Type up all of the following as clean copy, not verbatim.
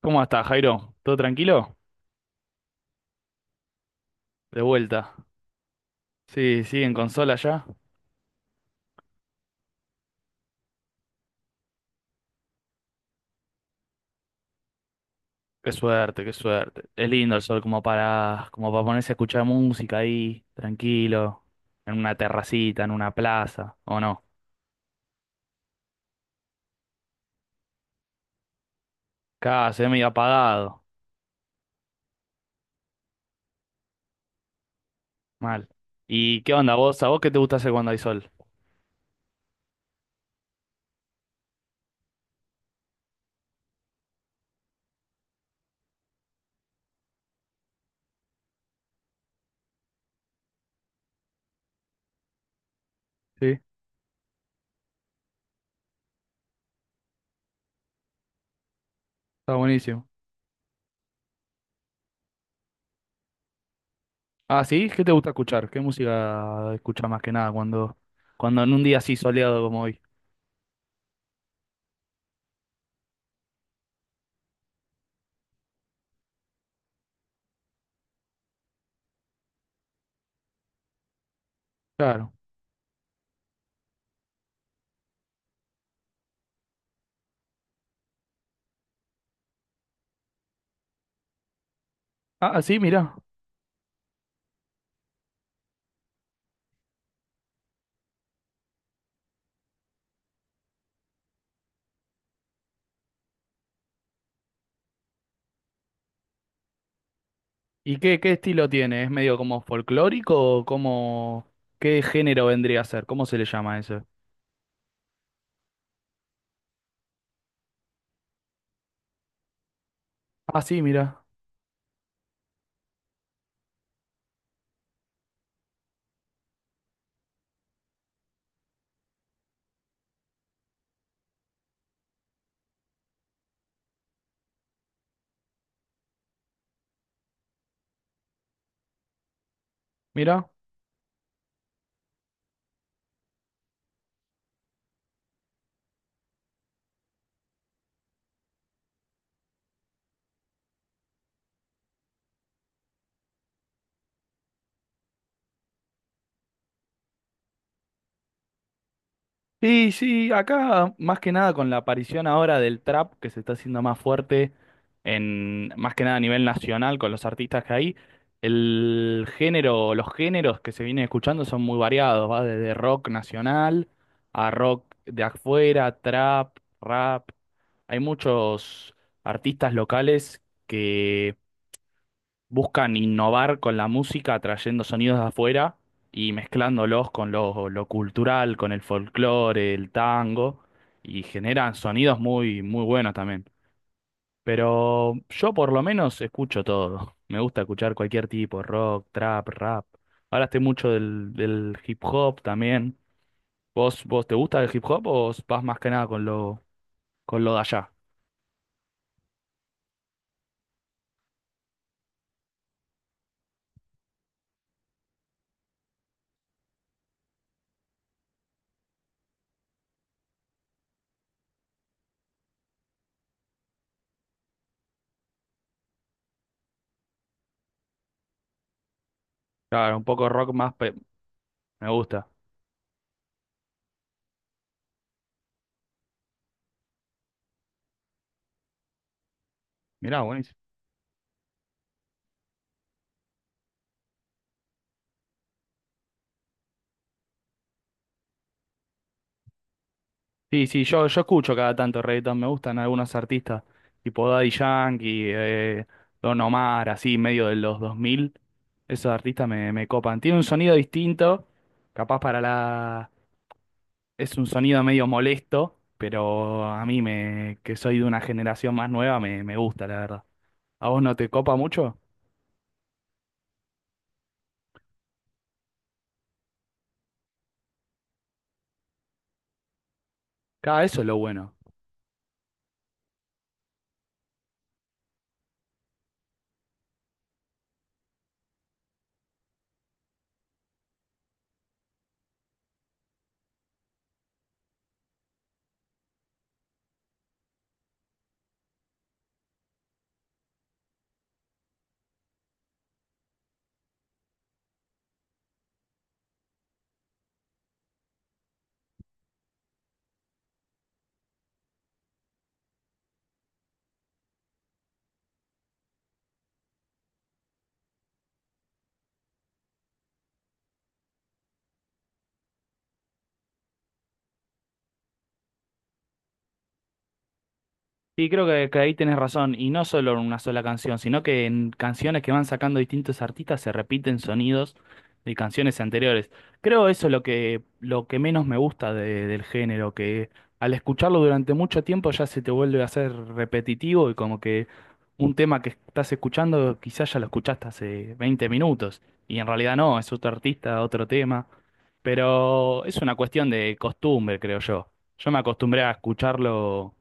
¿Cómo estás, Jairo? ¿Todo tranquilo? De vuelta. Sí, sí, en consola ya. Qué suerte, qué suerte. Es lindo el sol como para ponerse a escuchar música ahí, tranquilo, en una terracita, en una plaza, ¿o no? Acá se ve medio apagado. Mal. ¿Y qué onda vos? ¿A vos qué te gusta hacer cuando hay sol? Sí, está buenísimo. Ah, ¿sí? ¿Qué te gusta escuchar? ¿Qué música escuchas más que nada cuando en un día así soleado como hoy? Claro. Ah, sí, mirá. ¿Y qué, qué estilo tiene? ¿Es medio como folclórico o como qué género vendría a ser? ¿Cómo se le llama eso? Ah, sí, mira. Sí, sí, acá más que nada con la aparición ahora del trap que se está haciendo más fuerte en más que nada a nivel nacional con los artistas que hay, el género, los géneros que se vienen escuchando son muy variados, va desde rock nacional a rock de afuera, trap, rap. Hay muchos artistas locales que buscan innovar con la música, trayendo sonidos de afuera y mezclándolos con lo cultural, con el folclore, el tango, y generan sonidos muy, muy buenos también. Pero yo por lo menos escucho todo. Me gusta escuchar cualquier tipo, rock, trap, rap. Ahora estoy mucho del hip hop también. ¿Vos te gusta el hip hop o vas más que nada con lo de allá? Claro, un poco rock más, me gusta. Mirá, buenísimo. Sí, sí, yo escucho cada tanto reggaetón, me gustan algunos artistas, tipo Daddy Yankee, Don Omar, así, medio de los 2000. Esos artistas me, me copan. Tiene un sonido distinto, capaz para la... Es un sonido medio molesto, pero a mí, me, que soy de una generación más nueva, me gusta, la verdad. ¿A vos no te copa mucho? Cada eso es lo bueno. Sí, creo que ahí tenés razón, y no solo en una sola canción, sino que en canciones que van sacando distintos artistas se repiten sonidos de canciones anteriores. Creo eso es lo que menos me gusta del género, que al escucharlo durante mucho tiempo ya se te vuelve a hacer repetitivo y como que un tema que estás escuchando quizás ya lo escuchaste hace 20 minutos, y en realidad no, es otro artista, otro tema, pero es una cuestión de costumbre, creo yo. Yo me acostumbré a escucharlo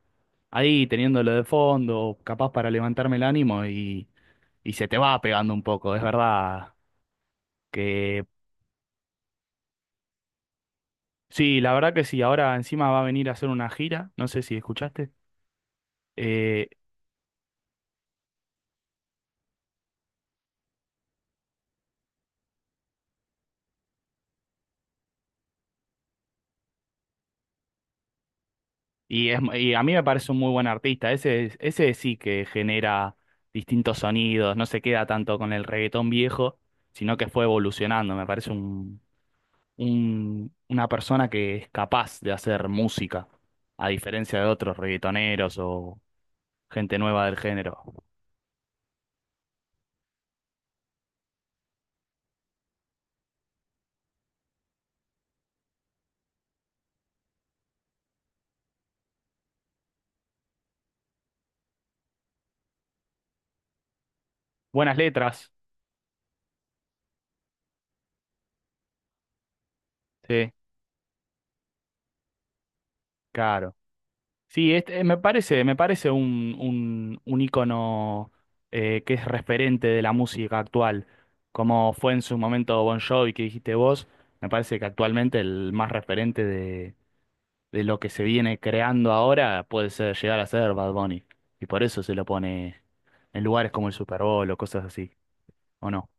ahí teniéndolo de fondo, capaz para levantarme el ánimo y se te va pegando un poco, es verdad que sí, la verdad que sí, ahora encima va a venir a hacer una gira, no sé si escuchaste, eh, y, es, y a mí me parece un muy buen artista, ese, ese sí que genera distintos sonidos, no se queda tanto con el reggaetón viejo, sino que fue evolucionando, me parece una persona que es capaz de hacer música, a diferencia de otros reggaetoneros gente nueva del género. Buenas letras, sí, claro. Sí, este, me parece un ícono que es referente de la música actual, como fue en su momento Bon Jovi que dijiste vos, me parece que actualmente el más referente de lo que se viene creando ahora puede ser, llegar a ser Bad Bunny, y por eso se lo pone en lugares como el Super Bowl o cosas así, ¿o no?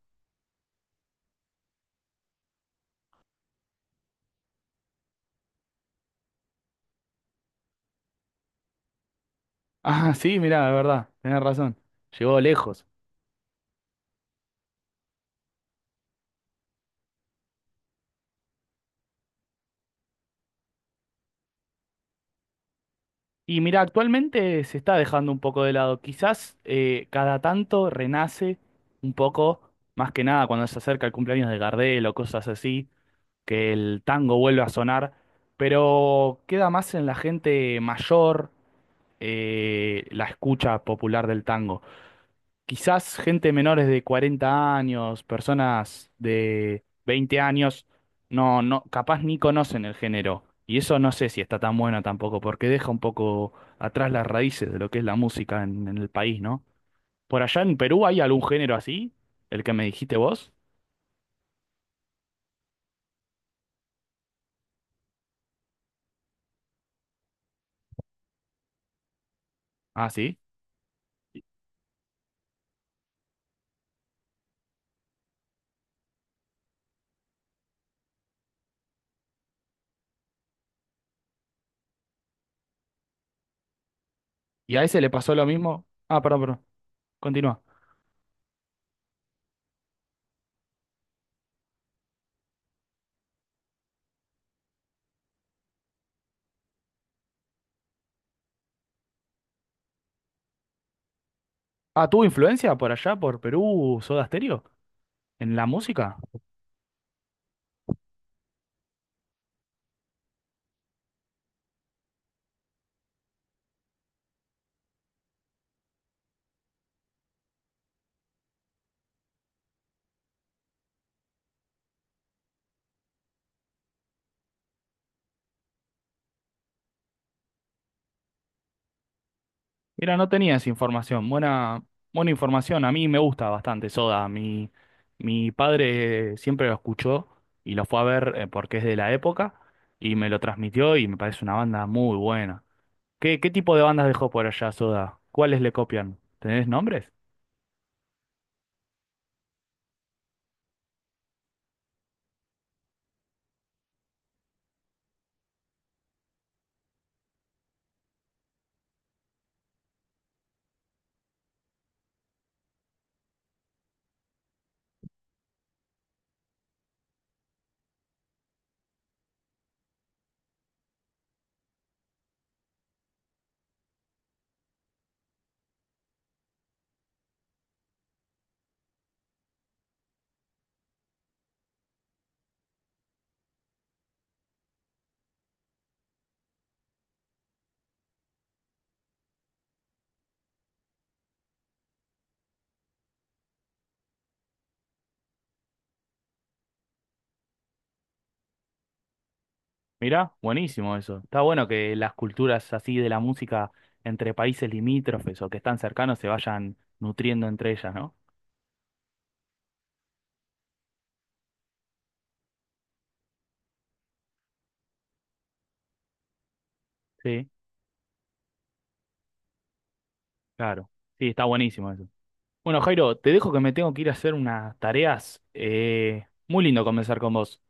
Ah, sí, mirá, de verdad, tenés razón, llegó lejos. Y mira, actualmente se está dejando un poco de lado. Quizás cada tanto renace un poco, más que nada cuando se acerca el cumpleaños de Gardel o cosas así, que el tango vuelve a sonar, pero queda más en la gente mayor la escucha popular del tango. Quizás gente menores de 40 años, personas de 20 años, no, no, capaz ni conocen el género. Y eso no sé si está tan bueno tampoco, porque deja un poco atrás las raíces de lo que es la música en el país, ¿no? Por allá en Perú hay algún género así, el que me dijiste vos. Ah, sí. ¿Y y a ese le pasó lo mismo? Ah, perdón, perdón. Continúa. Ah, ¿tuvo influencia por allá, por Perú, Soda Stereo, en la música? Mira, no tenía esa información. Buena, buena información. A mí me gusta bastante Soda. Mi padre siempre lo escuchó y lo fue a ver porque es de la época y me lo transmitió y me parece una banda muy buena. ¿Qué, qué tipo de bandas dejó por allá Soda? ¿Cuáles le copian? ¿Tenés nombres? Mira, buenísimo eso. Está bueno que las culturas así de la música entre países limítrofes o que están cercanos se vayan nutriendo entre ellas, ¿no? Sí, claro. Sí, está buenísimo eso. Bueno, Jairo, te dejo que me tengo que ir a hacer unas tareas. Muy lindo conversar con vos.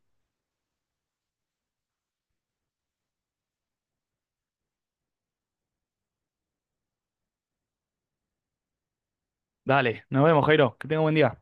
Dale, nos vemos, Jairo. Que tenga buen día.